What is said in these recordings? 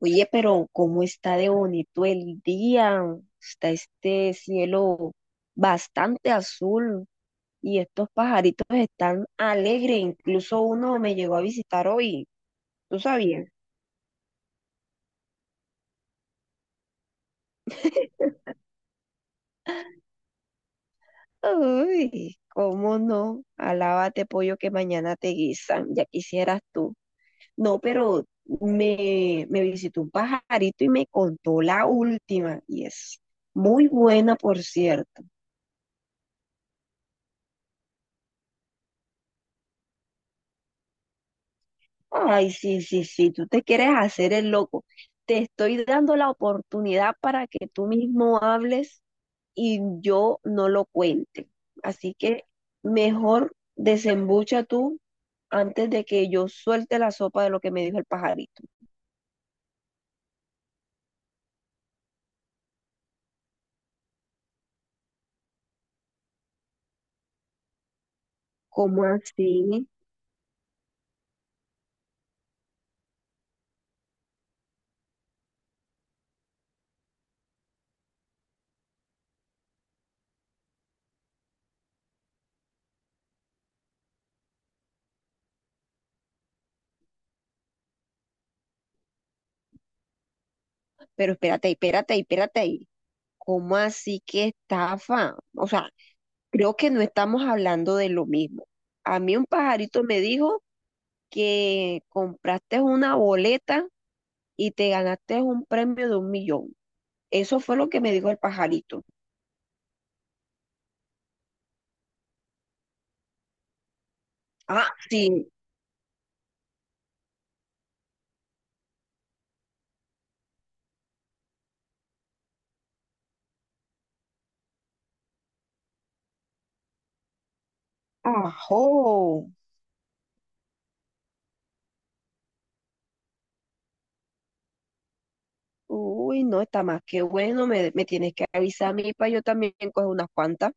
Oye, pero ¿cómo está de bonito el día? Está este cielo bastante azul y estos pajaritos están alegres. Incluso uno me llegó a visitar hoy. ¿Tú sabías? Uy, ¿cómo no? Alábate pollo que mañana te guisan. Ya quisieras tú. No, pero me visitó un pajarito y me contó la última. Y es muy buena, por cierto. Ay, sí, sí, sí, tú te quieres hacer el loco. Te estoy dando la oportunidad para que tú mismo hables y yo no lo cuente. Así que mejor desembucha tú antes de que yo suelte la sopa de lo que me dijo el pajarito. ¿Cómo así? Pero espérate, espérate, espérate ahí. ¿Cómo así que estafa? O sea, creo que no estamos hablando de lo mismo. A mí un pajarito me dijo que compraste una boleta y te ganaste un premio de 1 millón. Eso fue lo que me dijo el pajarito. Ah, sí. Ajo. Uy, no, está más que bueno. Me tienes que avisar a mí para yo también coger unas cuantas.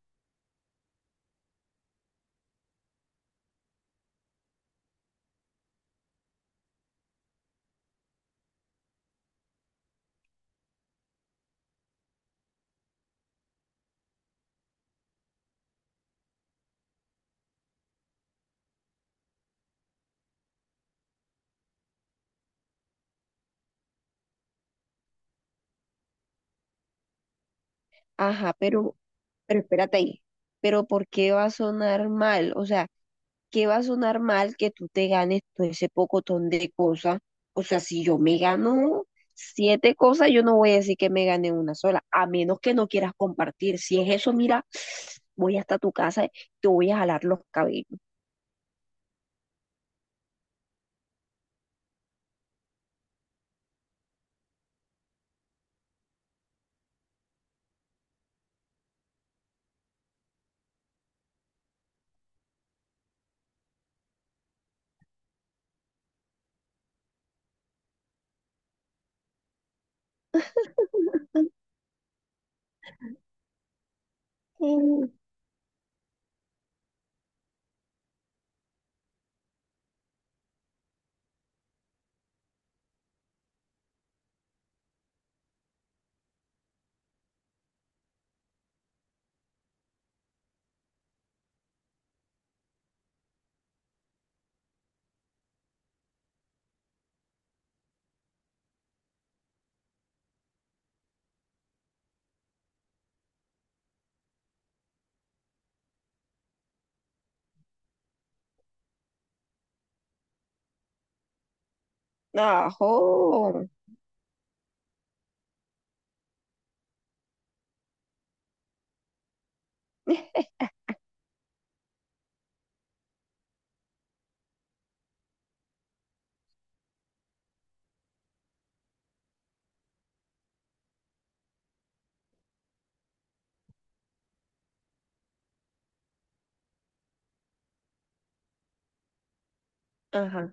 Ajá, pero espérate ahí. Pero ¿por qué va a sonar mal? O sea, qué va a sonar mal que tú te ganes todo ese pocotón de cosas. O sea, si yo me gano siete cosas, yo no voy a decir que me gané una sola, a menos que no quieras compartir. Si es eso, mira, voy hasta tu casa, te voy a jalar los cabellos. Mm. Ajo. Ajá.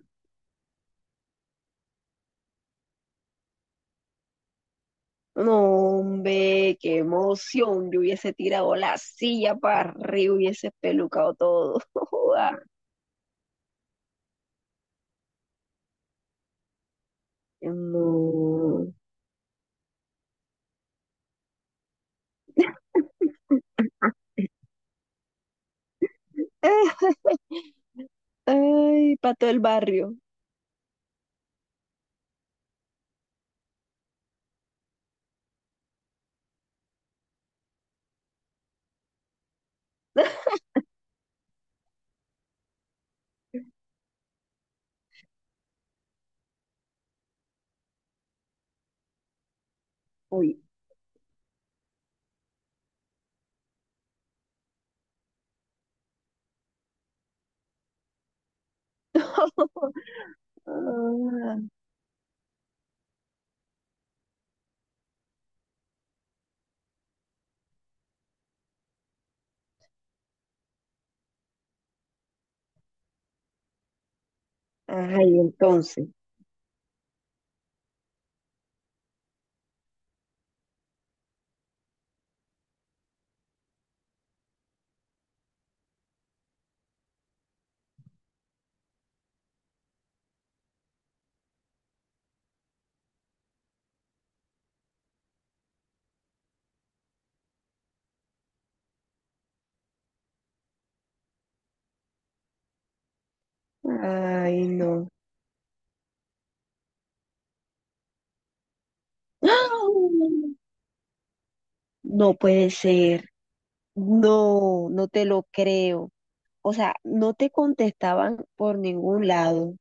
No, hombre, qué emoción. Yo hubiese tirado la silla para arriba, hubiese pelucado todo. Joda. No. Ah, ay, para todo el barrio. Uy. Ah, ay, entonces. Ay, no. ¡Ah! No puede ser. No, no te lo creo. O sea, no te contestaban por ningún lado.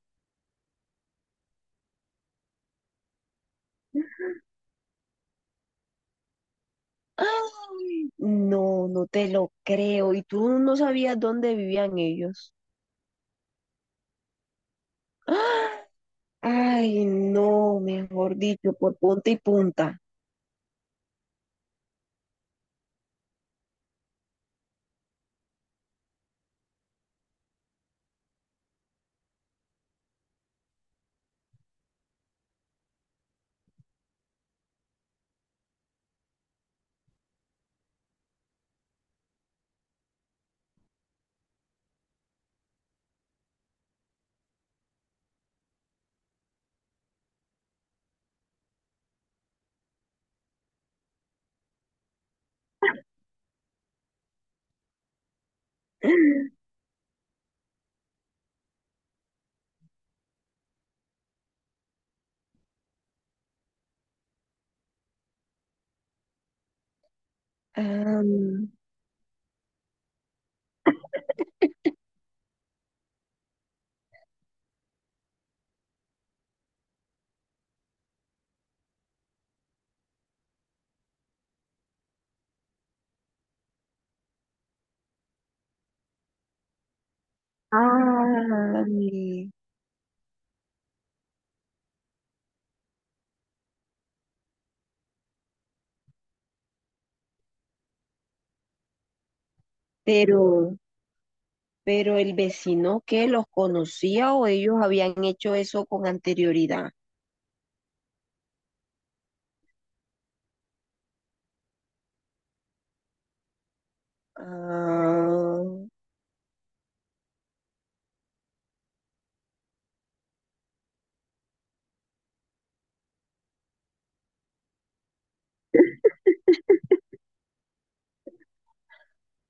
Ay, no, no te lo creo. Y tú no sabías dónde vivían ellos. ¡Ah! Ay, no, mejor dicho, por punta y punta. Am, ay, pero Pero el vecino que los conocía o ellos habían hecho eso con anterioridad. Ah,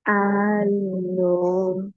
ah, no,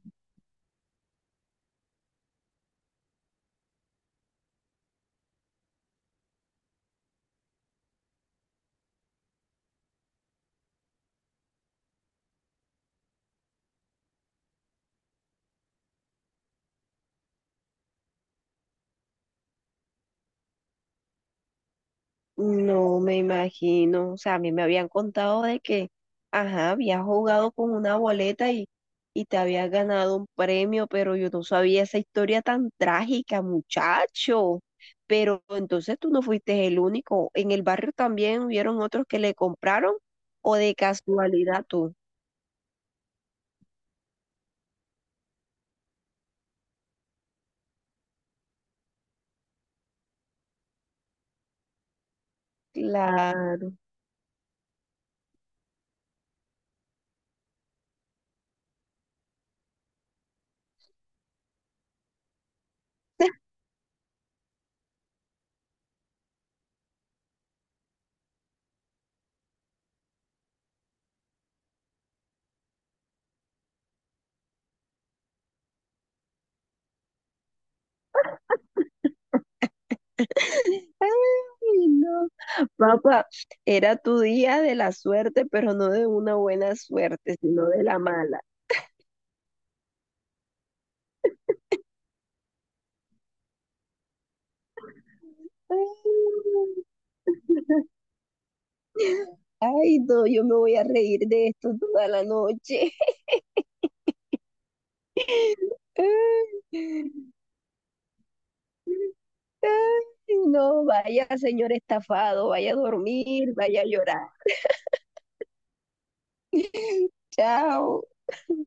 no me imagino. O sea, a mí me habían contado de que, ajá, habías jugado con una boleta y te habías ganado un premio, pero yo no sabía esa historia tan trágica, muchacho. Pero entonces tú no fuiste el único. En el barrio también hubieron otros que le compraron o de casualidad tú. Claro. Ay, no. Papá, era tu día de la suerte, pero no de una buena suerte, sino de la mala. Ay, ay, no, yo me voy a reír de esto toda la noche. Ay, no, vaya, señor estafado, vaya a dormir, vaya a llorar. Chao.